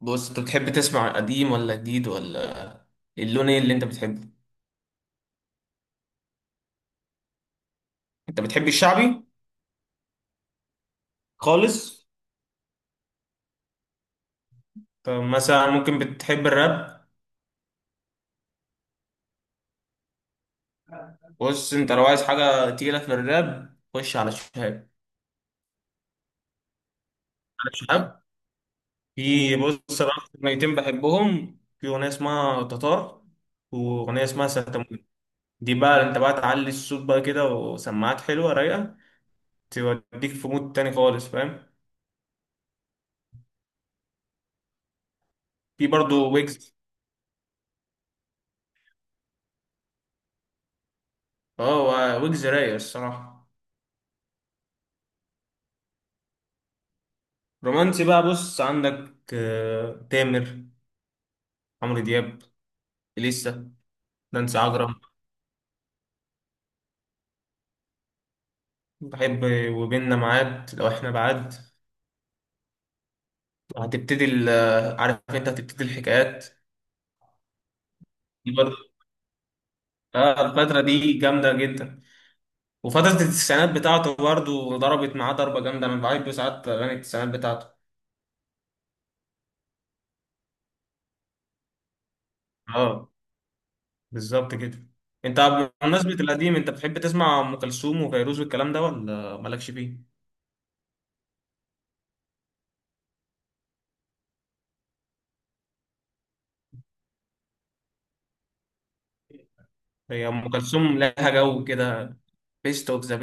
بص انت بتحب تسمع قديم ولا جديد ولا اللون ايه اللي انت بتحبه؟ انت بتحب الشعبي خالص؟ طب مثلا ممكن بتحب الراب؟ بص انت لو عايز حاجه تقيله في الراب خش على شهاب، على شهاب. في، بص انا اكتر اغنيتين بحبهم في اغنيه اسمها تتار واغنيه اسمها ستموت. دي بقى انت بقى تعلي الصوت بقى كده وسماعات حلوه رايقه توديك في مود تاني خالص، فاهم؟ في برضه ويجز. اه، ويجز رايق الصراحه. رومانسي بقى، بص عندك تامر، عمرو دياب، إليسا، نانسي عجرم. بحب وبيننا ميعاد لو احنا بعاد. وهتبتدي عارف انت هتبتدي الحكايات. دي برضه، اه الفترة دي جامدة جدا. وفترة التسعينات بتاعته برضه ضربت معاه ضربة جامدة، انا بحب ساعات أغاني التسعينات بتاعته. اه، بالظبط كده. انت بمناسبة القديم انت بتحب تسمع أم كلثوم وفيروز والكلام ده ولا مالكش فيه؟ هي أم كلثوم لها جو كده. بيست اوف ذا.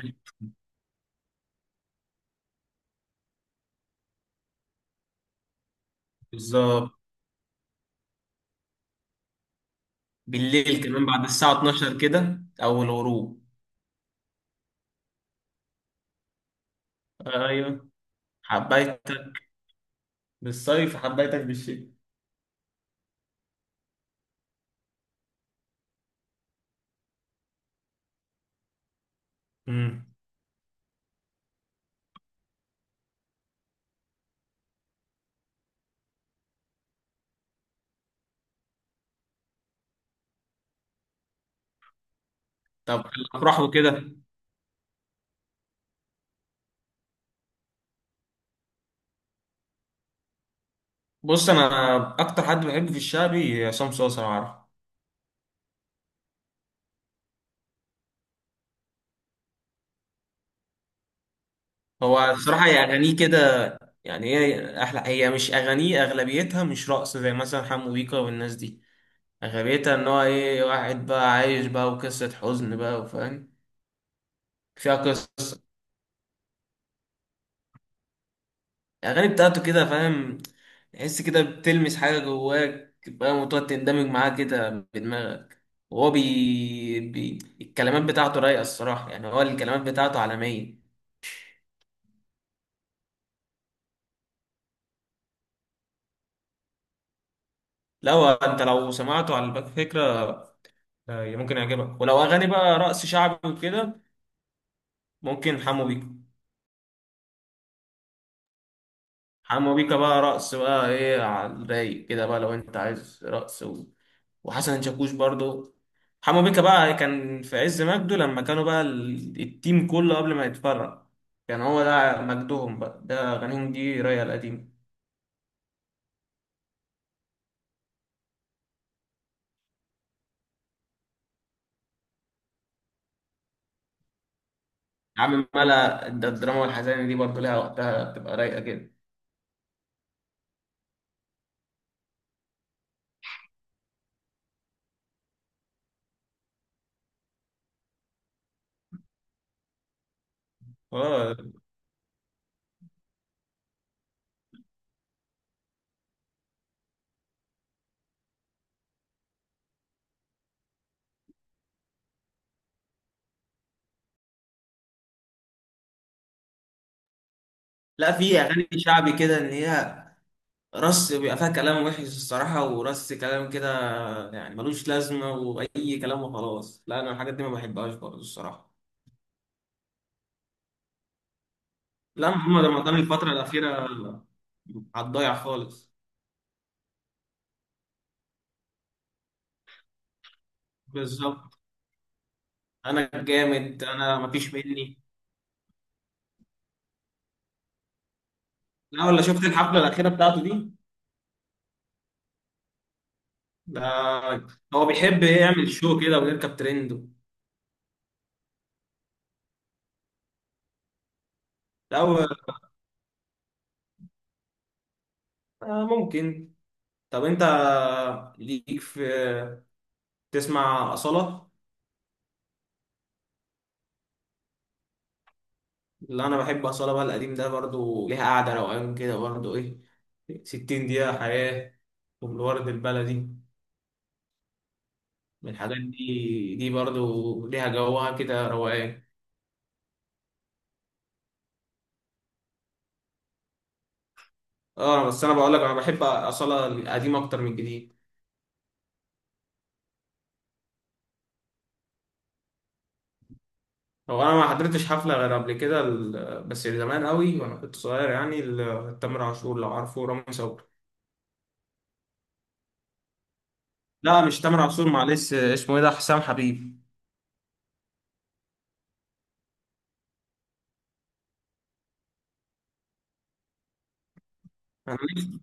بالظبط. بالليل كمان بعد الساعة 12 كده أو الغروب. ايوه. حبيتك بالصيف حبيتك بالشتاء. امم. طب الأفراح وكده؟ بص أنا أكتر حد بحبه في الشعبي عصام صاصا، لو عارف. هو بصراحة هي أغانيه كده، يعني هي أحلى، هي مش أغانيه أغلبيتها مش رقص زي مثلا حمو بيكا والناس دي. أغلبيتها إن هو إيه، واحد بقى عايش بقى وقصة حزن بقى، وفاهم فيها قصة. الأغاني بتاعته كده، فاهم، تحس كده بتلمس حاجة جواك، فاهم، وتقعد تندمج معاه كده بدماغك. وهو الكلمات بتاعته رايقة الصراحة، يعني هو الكلمات بتاعته عالمية. لو انت لو سمعته على باك فكرة ممكن يعجبك. ولو أغاني بقى رقص شعبي وكده ممكن حمو بيكا. حمو بيكا بقى رقص بقى، ايه على الرايق كده بقى، لو انت عايز رقص و... وحسن شاكوش برضه. حمو بيكا بقى كان في عز مجده لما كانوا بقى التيم كله قبل ما يتفرق. كان هو ده مجدهم بقى، ده أغانيهم دي رايقة القديمة. عم ملا الدراما والحزانة دي برضه لها وقتها، بتبقى رايقة كده. اه. لا في أغاني شعبي كده إن هي رص، بيبقى فيها كلام وحش الصراحة ورص كلام كده يعني ملوش لازمة وأي كلام وخلاص. لا أنا الحاجات دي ما بحبهاش برضه الصراحة. لا محمد رمضان الفترة الأخيرة على الضايع خالص. بالظبط. انا الجامد انا مفيش مني. لا ولا شفت الحفله الاخيره بتاعته دي؟ ده هو بيحب يعمل شو كده ويركب ترند. لا هو ممكن. طب انت ليك في، تسمع اصاله؟ اللي انا بحب اصاله بقى القديم ده برضو ليها قعده روقان كده برضو، ايه 60 دقيقه حياه والورد البلدي. من الحاجات دي، دي برضو ليها جوها كده روقان. اه بس انا بقول لك انا بحب اصاله القديم اكتر من الجديد. هو انا ما حضرتش حفله غير قبل كده بس زمان قوي وانا كنت صغير يعني، تامر عاشور لو عارفه، رامي صبري. لا مش تامر عاشور، معلش اسمه ايه ده، حسام حبيب. انا نفسي.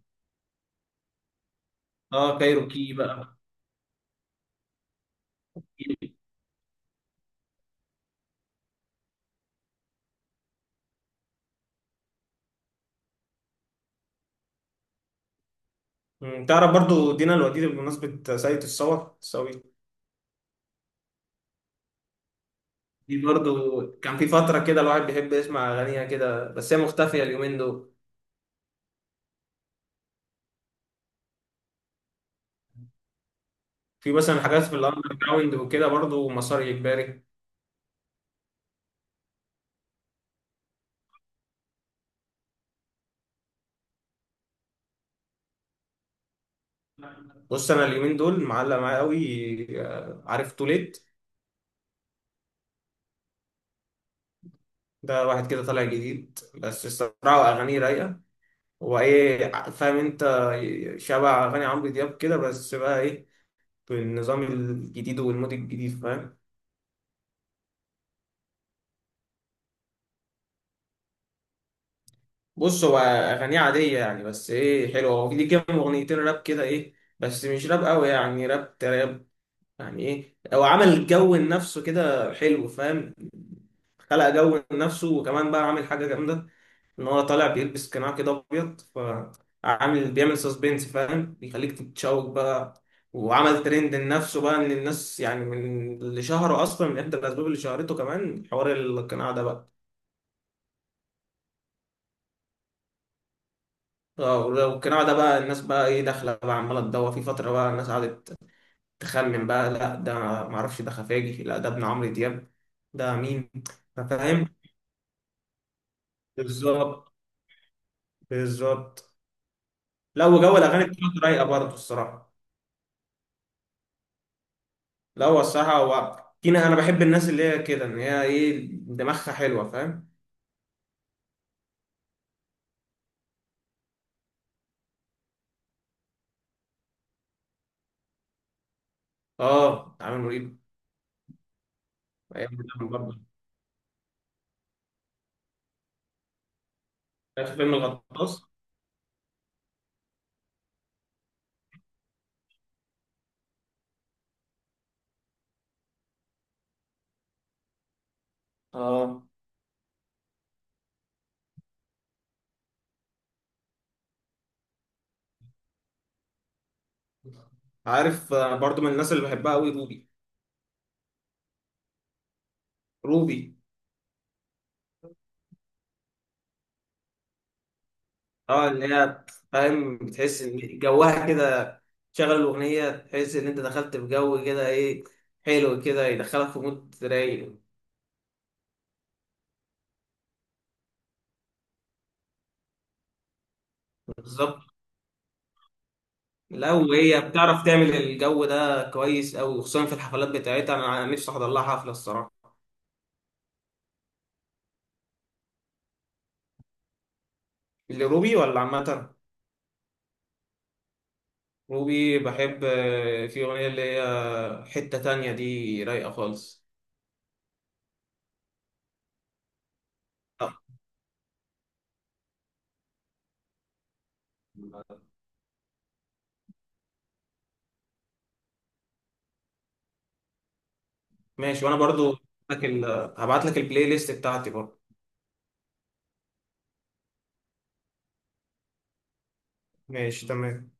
اه كايروكي بقى. تعرف برضو دينا الوديد بمناسبة سيد الصور الصاوي؟ دي برضو كان في فترة كده الواحد بيحب يسمع أغانيها كده، بس هي مختفية اليومين دول. في مثلا حاجات في الأندر جراوند وكده برضو مسار إجباري. بص أنا اليومين دول معلق معايا قوي عارف توليت؟ ده واحد كده طالع جديد بس الصراحة أغانيه رايقة. هو إيه، فاهم أنت، شبه أغاني عمرو دياب كده بس بقى إيه، بالنظام الجديد والمود الجديد، فاهم. بص هو أغانيه عادية يعني، بس إيه، حلوة. هو ليه كام أغنيتين راب كده إيه، بس مش راب أوي يعني، راب تراب يعني. إيه، هو عمل جو لنفسه كده حلو، فاهم. خلق جو لنفسه وكمان بقى عامل حاجة جامدة، ان هو طالع بيلبس قناع كده ابيض، فعامل بيعمل سسبنس، فاهم، بيخليك تتشوق بقى. وعمل ترند لنفسه بقى ان الناس يعني، من اللي شهره اصلا، من احدى الاسباب اللي شهرته كمان حوار القناع ده بقى. اه والقناع ده بقى الناس بقى ايه داخله بقى عماله تدور، في فتره بقى الناس قعدت تخمن بقى، لا ده معرفش ده خفاجي، لا ده ابن عمرو دياب، ده مين. فاهم، بالظبط، بالظبط. لا وجو الاغاني بتاعته رايقه برضه الصراحه. لا هو الصراحة هو كينا، أنا بحب الناس اللي هي كده إن هي إيه، دماغها حلوة، فاهم؟ آه عامل مريب. أيام زمان برضه. عارف فيلم الغطاس؟ اه. عارف برضه من الناس اللي بحبها قوي روبي. روبي. آه اللي هي، فاهم، بتحس إن جوها كده، تشغل الأغنية تحس إن أنت دخلت في جو كده إيه، حلو كده يدخلك في مود رايق. بالظبط. لا وهي بتعرف تعمل الجو ده كويس أوي، وخصوصا في الحفلات بتاعتها أنا نفسي أحضر لها حفلة الصراحة. لروبي ولا عامة؟ روبي بحب في أغنية اللي هي حتة تانية دي رايقة خالص. آه، ماشي وأنا برضو هبعت لك هبعت لك البلاي ليست بتاعتي برضو. ماشي تمام.